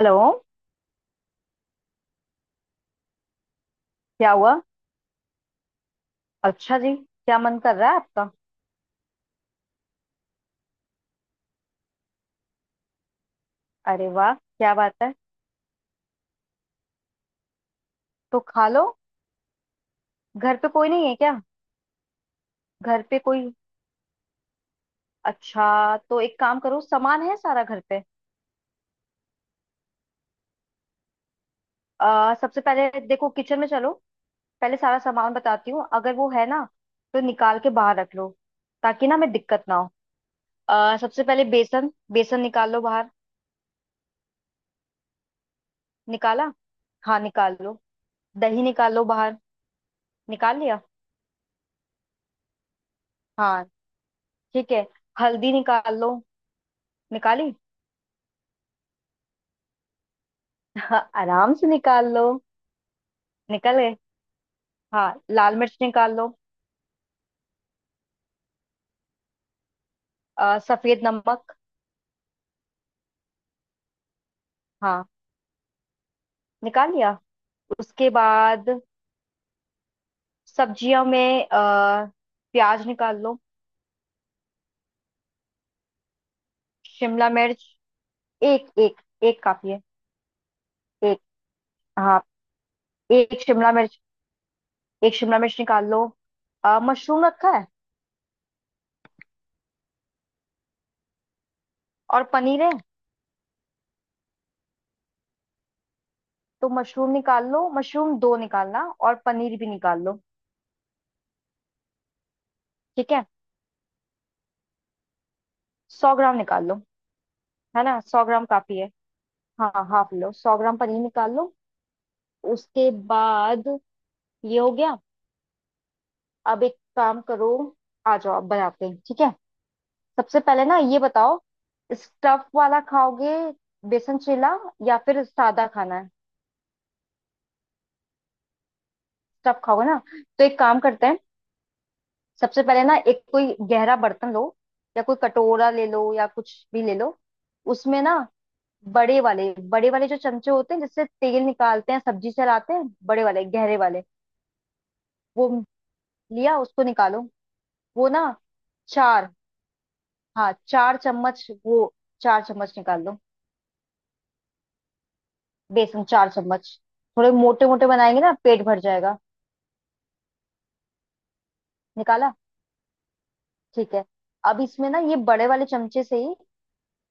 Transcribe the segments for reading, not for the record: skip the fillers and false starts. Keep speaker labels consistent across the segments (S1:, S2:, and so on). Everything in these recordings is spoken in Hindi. S1: हेलो। क्या हुआ? अच्छा जी, क्या मन कर रहा है आपका? अरे वाह, क्या बात है। तो खा लो। घर पे कोई नहीं है क्या? घर पे कोई, अच्छा। तो एक काम करो, सामान है सारा घर पे। सबसे पहले देखो, किचन में चलो। पहले सारा सामान बताती हूँ, अगर वो है ना तो निकाल के बाहर रख लो, ताकि ना हमें दिक्कत ना हो। सबसे पहले बेसन बेसन निकाल लो बाहर। निकाला? हाँ, निकाल लो। दही निकाल लो बाहर। निकाल लिया? हाँ ठीक है। हल्दी निकाल लो। निकाली? हाँ, आराम से निकाल लो। निकल गए? हाँ, लाल मिर्च निकाल लो। सफेद नमक। हाँ निकाल लिया? उसके बाद सब्जियों में प्याज निकाल लो। शिमला मिर्च। एक एक एक काफी है। एक। हाँ, एक शिमला मिर्च, एक शिमला मिर्च निकाल लो। मशरूम रखा है? और पनीर है? तो मशरूम निकाल लो, मशरूम दो निकालना, और पनीर भी निकाल लो। ठीक है, 100 ग्राम निकाल लो। है ना, 100 ग्राम काफी है। हाँ हाफ लो, 100 ग्राम पनीर निकाल लो। उसके बाद, ये हो गया। अब एक काम करो, आ जाओ, आप बनाते हैं, ठीक है? सबसे पहले ना ये बताओ, स्टफ वाला खाओगे बेसन चीला या फिर सादा खाना है? स्टफ खाओगे ना, तो एक काम करते हैं। सबसे पहले ना एक कोई गहरा बर्तन लो, या कोई कटोरा ले लो या कुछ भी ले लो। उसमें ना बड़े वाले जो चमचे होते हैं जिससे तेल निकालते हैं, सब्जी चलाते हैं, बड़े वाले गहरे वाले, वो लिया? उसको निकालो। वो ना चार, हाँ 4 चम्मच वो, 4 चम्मच निकाल लो। बेसन 4 चम्मच। थोड़े मोटे मोटे बनाएंगे ना, पेट भर जाएगा। निकाला? ठीक है। अब इसमें ना ये बड़े वाले चमचे से ही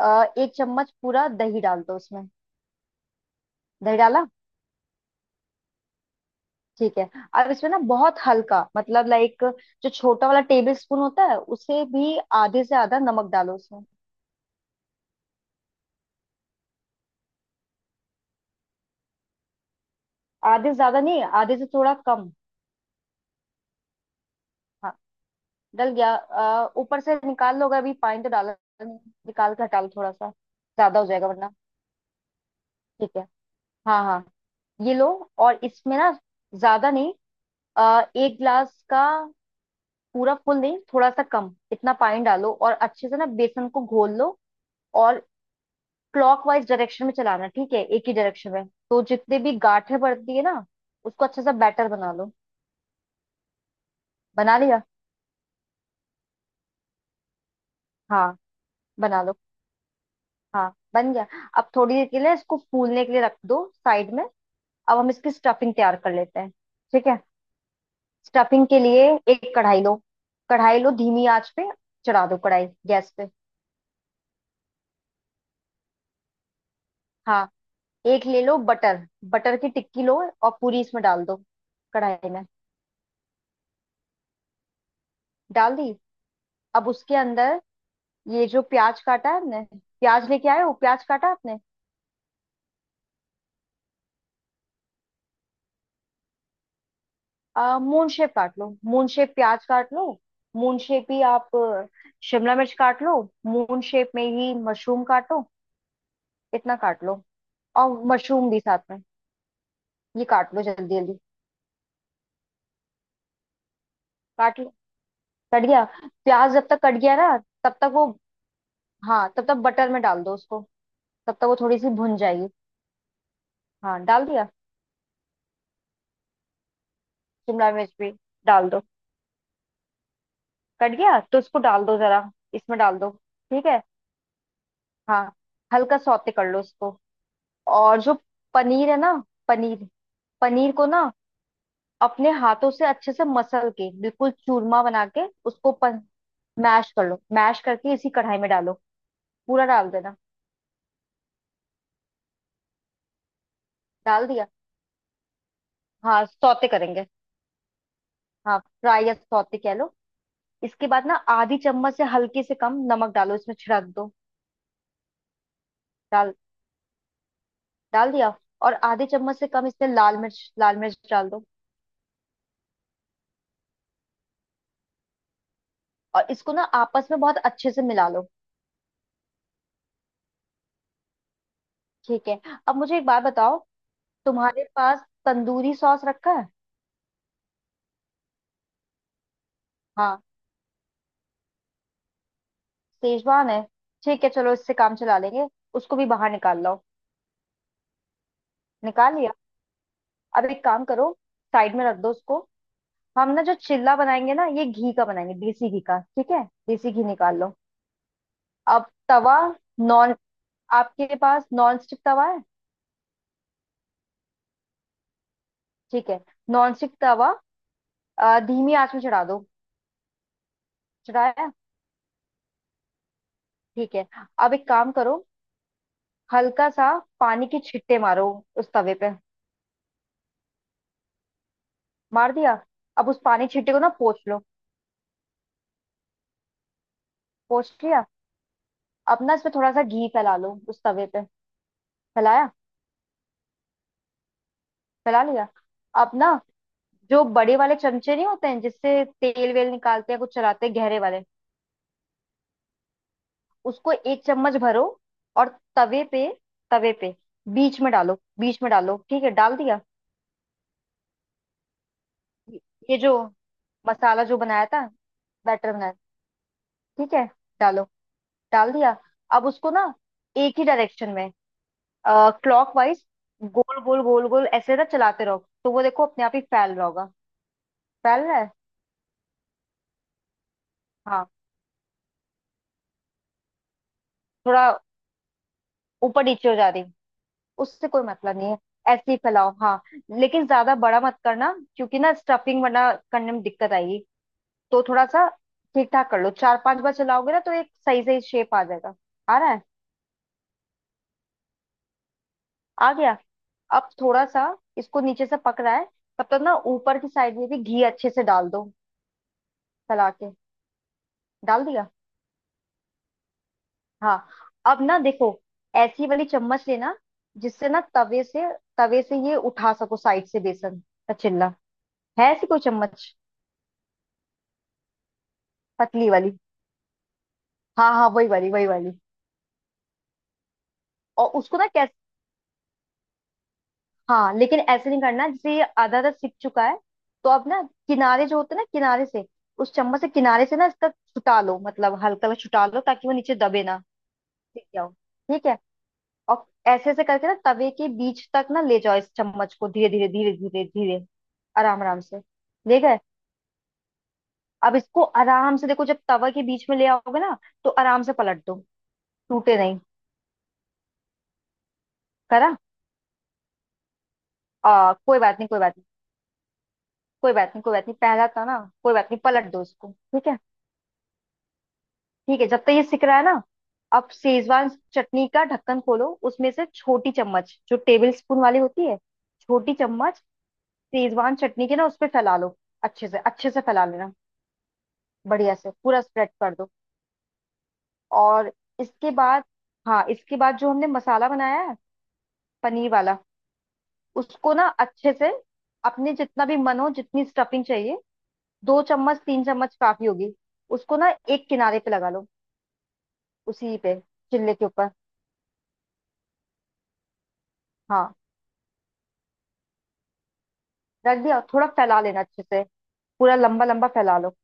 S1: एक चम्मच पूरा दही डाल दो इसमें। दही डाला? ठीक है। अब इसमें ना बहुत हल्का, मतलब लाइक, जो छोटा वाला टेबल स्पून होता है उसे भी आधे से आधा नमक डालो उसमें। आधे से ज्यादा नहीं, आधे से थोड़ा कम। हाँ डल गया? ऊपर से निकाल लो, अगर अभी पानी तो डाला नहीं, निकाल कर डालो, थोड़ा सा ज्यादा हो जाएगा वरना। ठीक है, हाँ हाँ, ये लो। और इसमें ना ज्यादा नहीं, 1 गिलास का पूरा फुल नहीं, थोड़ा सा कम, इतना पानी डालो, और अच्छे से ना बेसन को घोल लो। और क्लॉकवाइज डायरेक्शन में चलाना, ठीक है, एक ही डायरेक्शन में, तो जितने भी गांठें पड़ती है ना, उसको अच्छे से बैटर बना लो। बना लिया? हाँ बना लो। हाँ बन गया। अब थोड़ी देर के लिए इसको फूलने के लिए रख दो साइड में। अब हम इसकी स्टफिंग तैयार कर लेते हैं, ठीक है। स्टफिंग के लिए एक कढ़ाई लो। कढ़ाई लो, धीमी आंच पे चढ़ा दो कढ़ाई गैस पे। हाँ, एक ले लो बटर, बटर की टिक्की लो, और पूरी इसमें डाल दो, कढ़ाई में। डाल दी? अब उसके अंदर ये जो प्याज काटा है आपने, प्याज लेके आए हो, प्याज काटा आपने? मून शेप काट लो, मून शेप प्याज काट लो, मून शेप ही आप शिमला मिर्च काट लो, मून शेप में ही मशरूम काटो, इतना काट लो। और मशरूम भी साथ में ये काट लो, जल्दी जल्दी। काट कट गया प्याज? जब तक कट गया ना, तब तक वो, हाँ तब तक बटर में डाल दो उसको, तब तक वो थोड़ी सी भुन जाएगी। हाँ डाल दिया? शिमला मिर्च भी डाल दो। कट गया तो उसको डाल दो जरा, इसमें डाल दो, ठीक है, हाँ। हल्का सौते कर लो उसको। और जो पनीर है ना, पनीर, पनीर को ना अपने हाथों से अच्छे से मसल के बिल्कुल चूरमा बना के उसको मैश कर लो, मैश करके इसी कढ़ाई में डालो, पूरा डाल देना। डाल दिया? हाँ सौते करेंगे। हाँ फ्राई या सौते कह लो। इसके बाद ना आधी चम्मच से हल्के से कम नमक डालो इसमें, छिड़क दो। डाल डाल दिया। और आधे चम्मच से कम इसमें लाल मिर्च, लाल मिर्च डाल दो। और इसको ना आपस में बहुत अच्छे से मिला लो। ठीक है। अब मुझे एक बात बताओ, तुम्हारे पास तंदूरी सॉस रखा है? हाँ सेजवान है, ठीक है चलो इससे काम चला लेंगे। उसको भी बाहर निकाल लो। निकाल लिया? अब एक काम करो, साइड में रख दो उसको। हम ना जो चिल्ला बनाएंगे ना ये घी का बनाएंगे, देसी घी का, ठीक है, देसी घी निकाल लो। अब तवा, नॉन, आपके पास नॉन स्टिक तवा है? ठीक है, नॉन स्टिक तवा धीमी आंच में चढ़ा दो। चढ़ाया? ठीक है। अब एक काम करो, हल्का सा पानी के छिट्टे मारो उस तवे पे। मार दिया? अब उस पानी के छिट्टे को ना पोंछ लो। पोंछ लिया? अब ना इसमें थोड़ा सा घी फैला लो उस तवे पे। फैलाया? फैला लिया। अब ना जो बड़े वाले चमचे नहीं होते हैं जिससे तेल वेल निकालते हैं, कुछ चलाते हैं, गहरे वाले, उसको 1 चम्मच भरो और तवे पे, तवे पे बीच में डालो, बीच में डालो, ठीक है डाल दिया। ये ये जो मसाला जो बनाया था, बैटर बनाया, ठीक है डालो। डाल दिया? अब उसको ना एक ही डायरेक्शन में क्लॉक वाइज, गोल गोल गोल गोल ऐसे ना चलाते रहो, तो वो देखो अपने आप ही फैल रहा होगा। फैल रहा है? हाँ थोड़ा ऊपर नीचे हो जा रही, उससे कोई मतलब नहीं है, ऐसे ही फैलाओ। हाँ लेकिन ज्यादा बड़ा मत करना क्योंकि ना स्टफिंग वरना करने में दिक्कत आएगी। तो थोड़ा सा ठीक ठाक कर लो, 4-5 बार चलाओगे ना तो एक सही सही शेप आ जाएगा। आ रहा है? आ गया। अब थोड़ा सा इसको नीचे से पक रहा है, तब तक ना ऊपर की साइड में भी घी अच्छे से डाल दो, फैला के। डाल दिया? हाँ। अब ना देखो, ऐसी वाली चम्मच लेना जिससे ना तवे से, तवे से ये उठा सको, साइड से बेसन का चिल्ला, है ऐसी कोई चम्मच? पतली वाली, हाँ हाँ वही वाली वही वाली। और उसको ना कैसे, हाँ लेकिन ऐसे नहीं करना, जैसे ये आधा आधा सिक चुका है, तो अब ना किनारे जो होते हैं ना किनारे से, उस चम्मच से किनारे से ना इसका छुटा लो, मतलब हल्का हल्का छुटा लो ताकि वो नीचे दबे ना। सीख जाओ, ठीक है। और ऐसे ऐसे करके ना तवे के बीच तक ना ले जाओ, इस चम्मच को धीरे धीरे धीरे धीरे धीरे, आराम आराम से। ले गए? अब इसको आराम से देखो, जब तवा के बीच में ले आओगे ना, तो आराम से पलट दो, टूटे नहीं। करा? कोई बात नहीं, कोई बात नहीं, कोई बात नहीं, कोई बात नहीं, पहला था ना, कोई बात नहीं पलट दो इसको, ठीक है। ठीक है, जब तक ये सिक रहा है ना, अब शेजवान चटनी का ढक्कन खोलो, उसमें से छोटी चम्मच जो टेबल स्पून वाली होती है, छोटी चम्मच शेजवान चटनी के ना उस पे फैला लो, अच्छे से फैला लेना, बढ़िया से पूरा स्प्रेड कर दो। और इसके बाद, हाँ इसके बाद जो हमने मसाला बनाया है, पनीर वाला, उसको ना अच्छे से, अपने जितना भी मन हो जितनी स्टफिंग चाहिए, 2 चम्मच 3 चम्मच काफी होगी, उसको ना एक किनारे पे लगा लो, उसी पे चिल्ले के ऊपर। हाँ रख दिया? थोड़ा फैला लेना अच्छे से, पूरा लंबा लंबा फैला लो।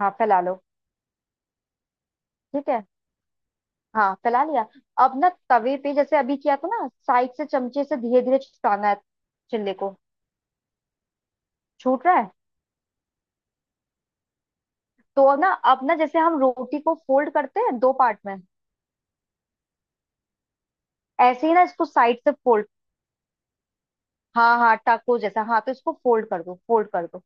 S1: हाँ फैला लो। ठीक है, हाँ फैला लिया। अब ना तवे पे जैसे अभी किया था ना, साइड से चमचे से धीरे धीरे छुटाना है चिल्ले को। छूट रहा है? तो अब ना जैसे हम रोटी को फोल्ड करते हैं 2 पार्ट में, ऐसे ही ना इसको साइड से फोल्ड। हाँ हाँ टाको जैसा, हाँ तो इसको फोल्ड कर दो, फोल्ड कर दो।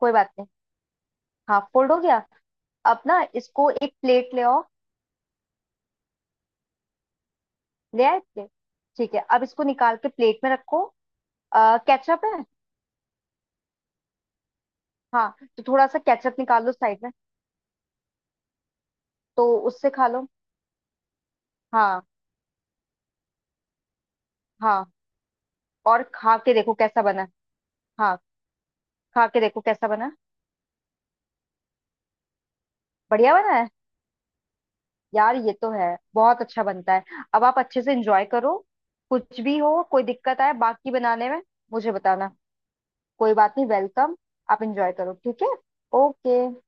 S1: कोई बात नहीं, हाँ फोल्ड हो गया। अब ना इसको एक प्लेट ले आओ। ले आए प्लेट? ठीक है, अब इसको निकाल के प्लेट में रखो। केचप है? हाँ तो थोड़ा सा केचप निकाल लो साइड में। तो उससे खा लो, हाँ हाँ। और खा के देखो कैसा बना है। हाँ, खा के देखो कैसा बना, बढ़िया बना है। यार ये तो है, बहुत अच्छा बनता है। अब आप अच्छे से एंजॉय करो। कुछ भी हो कोई दिक्कत आए बाकी बनाने में, मुझे बताना। कोई बात नहीं, वेलकम। आप एंजॉय करो, ठीक है। ओके।